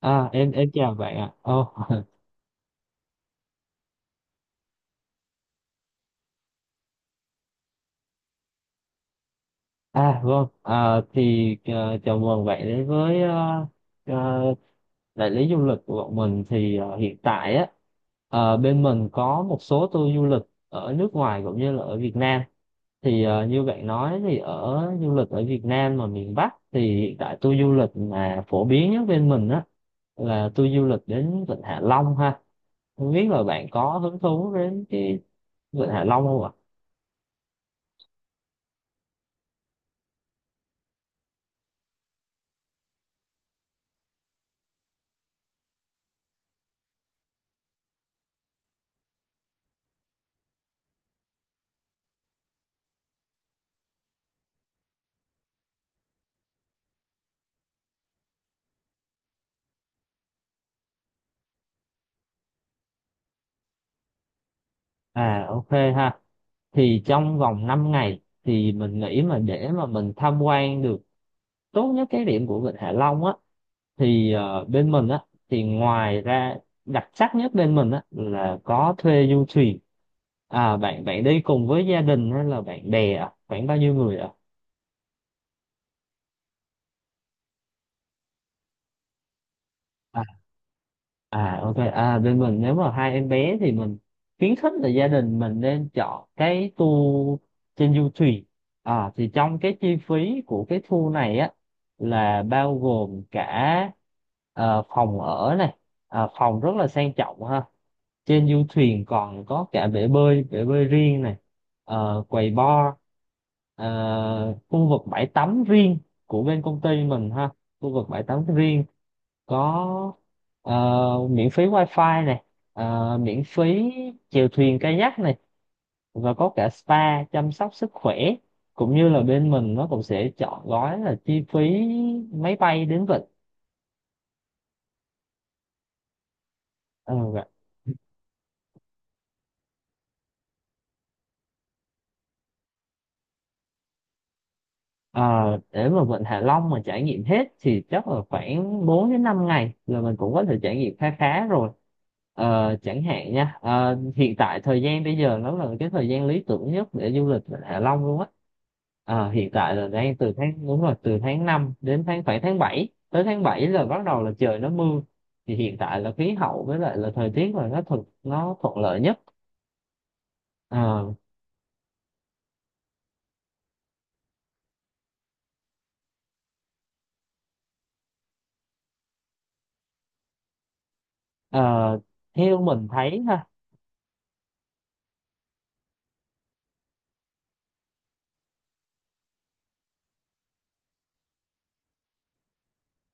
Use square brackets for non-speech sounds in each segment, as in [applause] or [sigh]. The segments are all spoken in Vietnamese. À, em chào bạn ạ. Ồ, [laughs] à vâng. À, thì chào mừng bạn đến với ờ, đại lý du lịch của bọn mình. Thì hiện tại á bên mình có một số tour du lịch ở nước ngoài cũng như là ở Việt Nam. Thì như bạn nói thì ở du lịch ở Việt Nam mà miền Bắc thì hiện tại tour du lịch mà phổ biến nhất bên mình á là tour du lịch đến Vịnh Hạ Long ha. Không biết là bạn có hứng thú đến cái Vịnh Hạ Long không ạ? À ok ha. Thì trong vòng 5 ngày thì mình nghĩ mà để mà mình tham quan được tốt nhất cái điểm của Vịnh Hạ Long á thì bên mình á thì ngoài ra đặc sắc nhất bên mình á là có thuê du thuyền. À bạn bạn đi cùng với gia đình hay là bạn bè à? Khoảng bao nhiêu người ạ? À ok, à bên mình nếu mà hai em bé thì mình khuyến khích là gia đình mình nên chọn cái tour trên du thuyền. À thì trong cái chi phí của cái tour này á là bao gồm cả phòng ở này. Phòng rất là sang trọng ha. Trên du thuyền còn có cả bể bơi riêng này, quầy bar, khu vực bãi tắm riêng của bên công ty mình ha, khu vực bãi tắm riêng có miễn phí wifi này, miễn phí chèo thuyền kayak này và có cả spa chăm sóc sức khỏe cũng như là bên mình nó cũng sẽ chọn gói là chi phí máy bay đến vịnh. Ừ. Ờ, để mà Vịnh Hạ Long mà trải nghiệm hết thì chắc là khoảng 4 đến 5 ngày là mình cũng có thể trải nghiệm khá khá rồi. Chẳng hạn nha, hiện tại thời gian bây giờ nó là cái thời gian lý tưởng nhất để du lịch Vịnh Hạ Long luôn á. Hiện tại là đang từ tháng 5 đến khoảng tháng bảy là bắt đầu là trời nó mưa. Thì hiện tại là khí hậu với lại là thời tiết là nó thuận lợi nhất. Ờ, ờ, Theo mình thấy ha.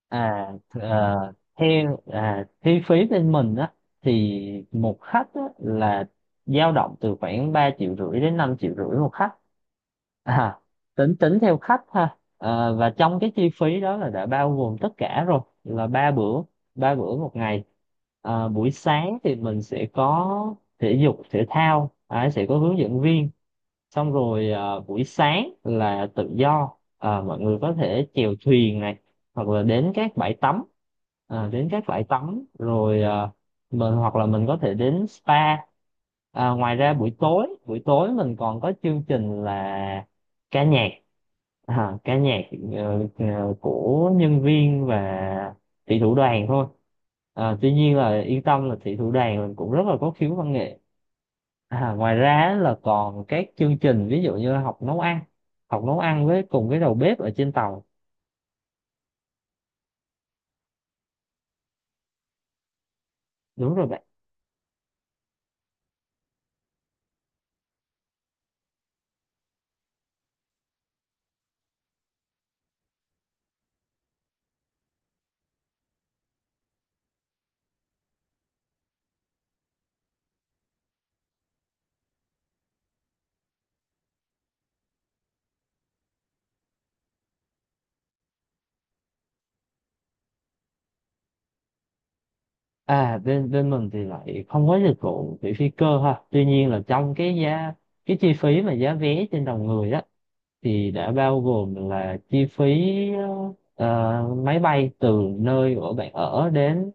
Theo chi phí bên mình á thì một khách á, là dao động từ khoảng 3,5 triệu đến 5,5 triệu một khách, à, tính tính theo khách ha. Ờ, và trong cái chi phí đó là đã bao gồm tất cả rồi, là ba bữa một ngày. Ờ, buổi sáng thì mình sẽ có thể dục thể thao, à, sẽ có hướng dẫn viên xong rồi, à, buổi sáng là tự do, à, mọi người có thể chèo thuyền này hoặc là đến các bãi tắm à, đến các bãi tắm rồi, à, mình hoặc là mình có thể đến spa, à, ngoài ra buổi tối mình còn có chương trình là ca nhạc, à, ca nhạc ờ, ờ, của nhân viên và thị thủ đoàn thôi, à, tuy nhiên là yên tâm là thị thủ đoàn mình cũng rất là có khiếu văn nghệ. À, ngoài ra á, là còn các chương trình ví dụ như là học nấu ăn với cùng cái đầu bếp ở trên tàu. Đúng rồi bạn. À bên bên mình thì lại không có dịch vụ vị phi cơ ha, tuy nhiên là trong cái chi phí mà giá vé trên đầu người đó thì đã bao gồm là chi phí ờ, máy bay từ nơi của bạn ở đến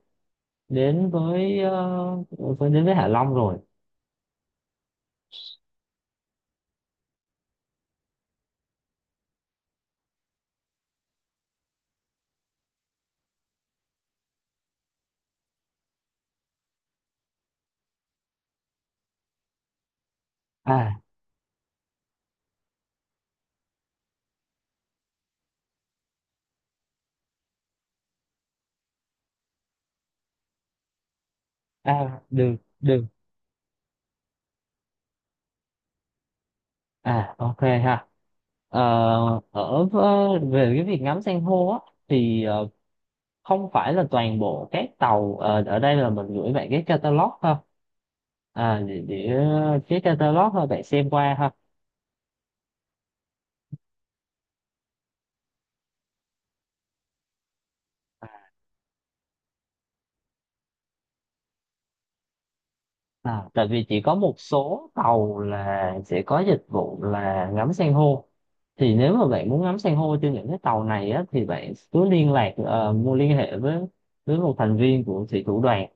đến với ờ, với- đến với Hạ Long rồi. À à được được. À ok ha. Ờ, Về cái việc ngắm san hô á thì không phải là toàn bộ các tàu, ở đây là mình gửi bạn cái catalog ha. À cái catalog thôi bạn xem qua ha. À, tại vì chỉ có một số tàu là sẽ có dịch vụ là ngắm san hô, thì nếu mà bạn muốn ngắm san hô trên những cái tàu này á, thì bạn cứ liên lạc ờ, mua liên hệ với một thành viên của thủy thủ đoàn,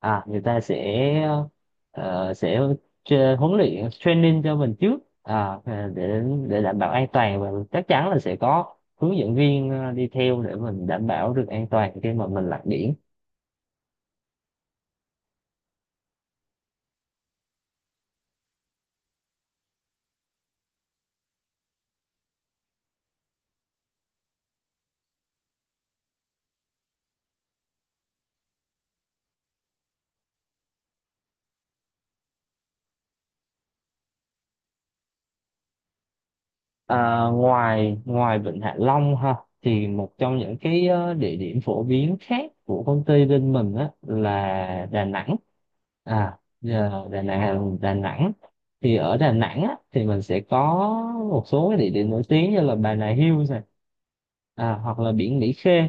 à người ta sẽ sẽ huấn luyện training cho mình trước, à, à, để để đảm bảo an toàn và chắc chắn là sẽ có hướng dẫn viên đi theo để mình đảm bảo được an toàn khi mà mình lặn biển. À, ngoài ngoài Vịnh Hạ Long ha, thì một trong những cái địa điểm phổ biến khác của công ty bên mình á là Đà Nẵng. À giờ Đà Nẵng, Đà Nẵng. Thì ở Đà Nẵng á thì mình sẽ có một số cái địa điểm nổi tiếng như là Bà Nà Hills này, à, hoặc là biển Mỹ Khê.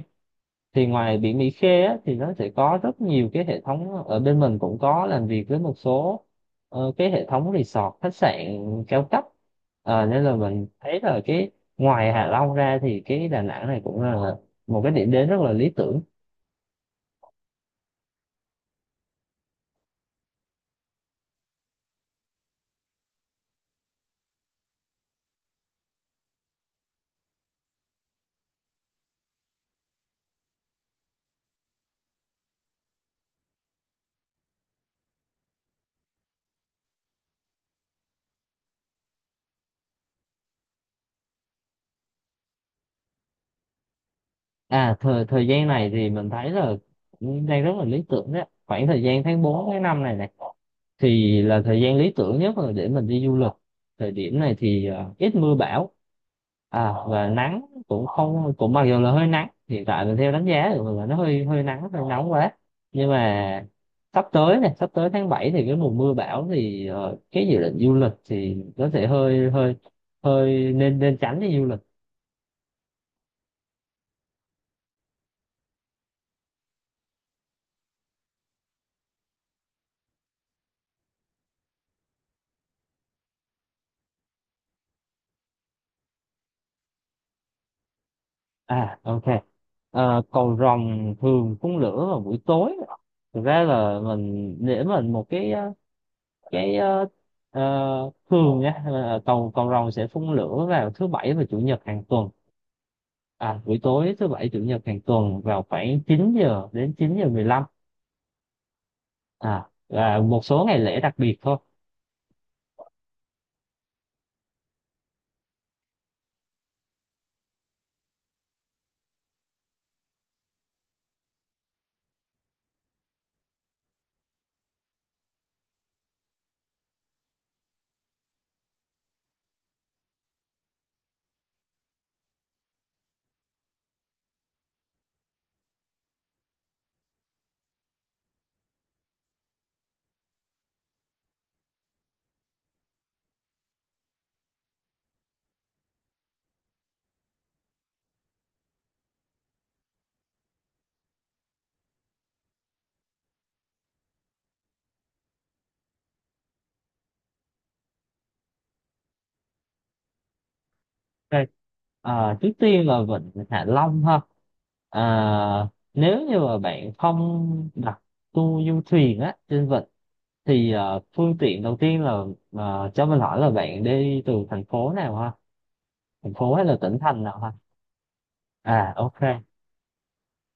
Thì ngoài biển Mỹ Khê á, thì nó sẽ có rất nhiều cái hệ thống, ở bên mình cũng có làm việc với một số cái hệ thống resort khách sạn cao cấp. Ờ, nên là mình thấy là cái ngoài Hạ Long ra thì cái Đà Nẵng này cũng là một cái điểm đến rất là lý tưởng. À thời thời gian này thì mình thấy là cũng đang rất là lý tưởng đấy. Khoảng thời gian tháng 4 tháng 5 này này thì là thời gian lý tưởng nhất là để mình đi du lịch. Thời điểm này thì ít mưa bão, à, và nắng cũng không cũng mặc dù là hơi nắng. Hiện tại mình theo đánh giá thì là nó hơi hơi nắng hơi nóng quá. Nhưng mà sắp tới tháng 7 thì cái mùa mưa bão thì cái dự định du lịch thì có thể hơi hơi hơi nên nên tránh đi du lịch. À ok. Ờ, cầu rồng thường phun lửa vào buổi tối. Thực ra là mình để mình một cái thường nhé. Là cầu cầu rồng sẽ phun lửa vào thứ bảy và chủ nhật hàng tuần. À buổi tối thứ bảy chủ nhật hàng tuần vào khoảng 9 giờ đến 9 giờ 15. À và một số ngày lễ đặc biệt thôi. Ok. Ờ, trước tiên là Vịnh Hạ Long ha. À, nếu như mà bạn không đặt tour du thuyền á trên vịnh thì phương tiện đầu tiên là, cho mình hỏi là bạn đi từ thành phố nào ha? Thành phố hay là tỉnh thành nào ha? À ok.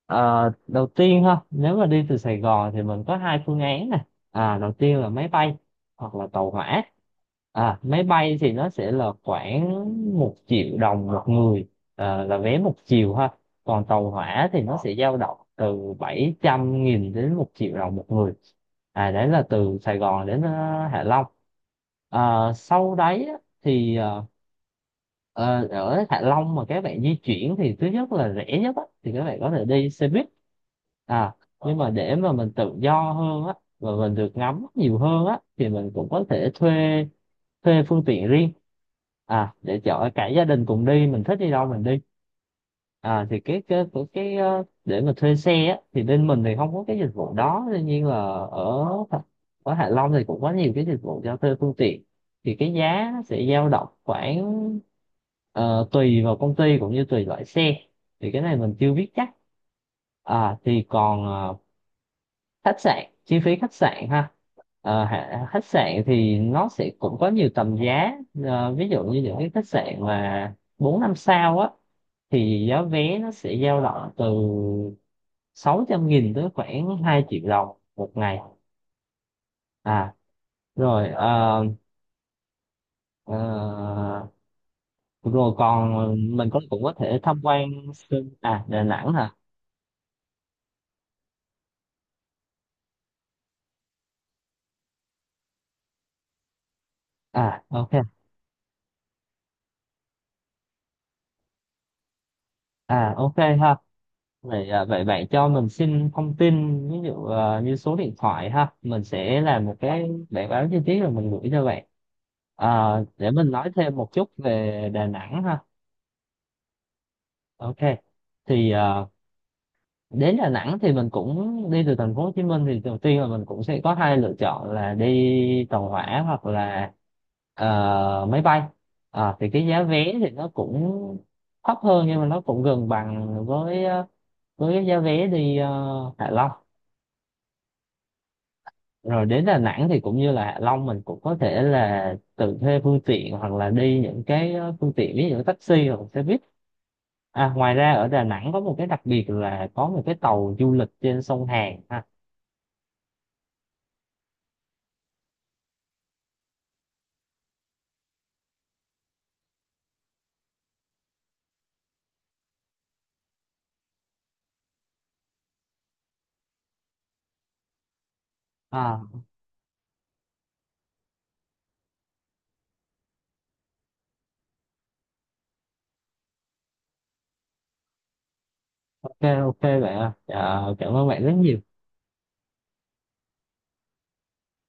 Ờ, đầu tiên ha, nếu mà đi từ Sài Gòn thì mình có hai phương án nè, à đầu tiên là máy bay hoặc là tàu hỏa. À máy bay thì nó sẽ là khoảng 1 triệu đồng một người, là vé một chiều ha, còn tàu hỏa thì nó sẽ dao động từ 700.000 đến 1 triệu đồng một người. À đấy là từ Sài Gòn đến Hạ Long. À, sau đấy á, thì ờ, Ờ, ở Hạ Long mà các bạn di chuyển thì thứ nhất là rẻ nhất á, thì các bạn có thể đi xe buýt, à nhưng mà để mà mình tự do hơn á và mình được ngắm nhiều hơn á thì mình cũng có thể thuê thuê phương tiện riêng, à để chở cả gia đình cùng đi, mình thích đi đâu mình đi. À thì cái để mà thuê xe á, thì bên mình thì không có cái dịch vụ đó, tuy nhiên là ở ở Hạ Long thì cũng có nhiều cái dịch vụ cho thuê phương tiện, thì cái giá nó sẽ dao động khoảng, tùy vào công ty cũng như tùy loại xe, thì cái này mình chưa biết chắc. À thì còn khách sạn, chi phí khách sạn ha. Khách sạn thì nó sẽ cũng có nhiều tầm giá. Ờ, ví dụ như những cái khách sạn mà bốn năm sao á thì giá vé nó sẽ dao động từ 600.000 tới khoảng 2 triệu đồng một ngày. À rồi ờ, rồi còn mình cũng có thể tham quan à Đà Nẵng hả. À ok à ok ha. Vậy, vậy bạn cho mình xin thông tin ví dụ à, như số điện thoại ha, mình sẽ làm một cái bản báo chi tiết rồi mình gửi cho bạn. À, để mình nói thêm một chút về Đà Nẵng ha. Ok, thì à, đến Đà Nẵng thì mình cũng đi từ thành phố Hồ Chí Minh thì đầu tiên là mình cũng sẽ có hai lựa chọn là đi tàu hỏa hoặc là máy bay. À, thì cái giá vé thì nó cũng thấp hơn nhưng mà nó cũng gần bằng với với cái giá vé đi Hạ Long. Rồi đến Đà Nẵng thì cũng như là Hạ Long, mình cũng có thể là tự thuê phương tiện hoặc là đi những cái phương tiện ví dụ taxi hoặc xe buýt. À, ngoài ra ở Đà Nẵng có một cái đặc biệt là có một cái tàu du lịch trên sông Hàn ha. À, ok, ok vậy à. Ờ, cảm ơn bạn rất nhiều.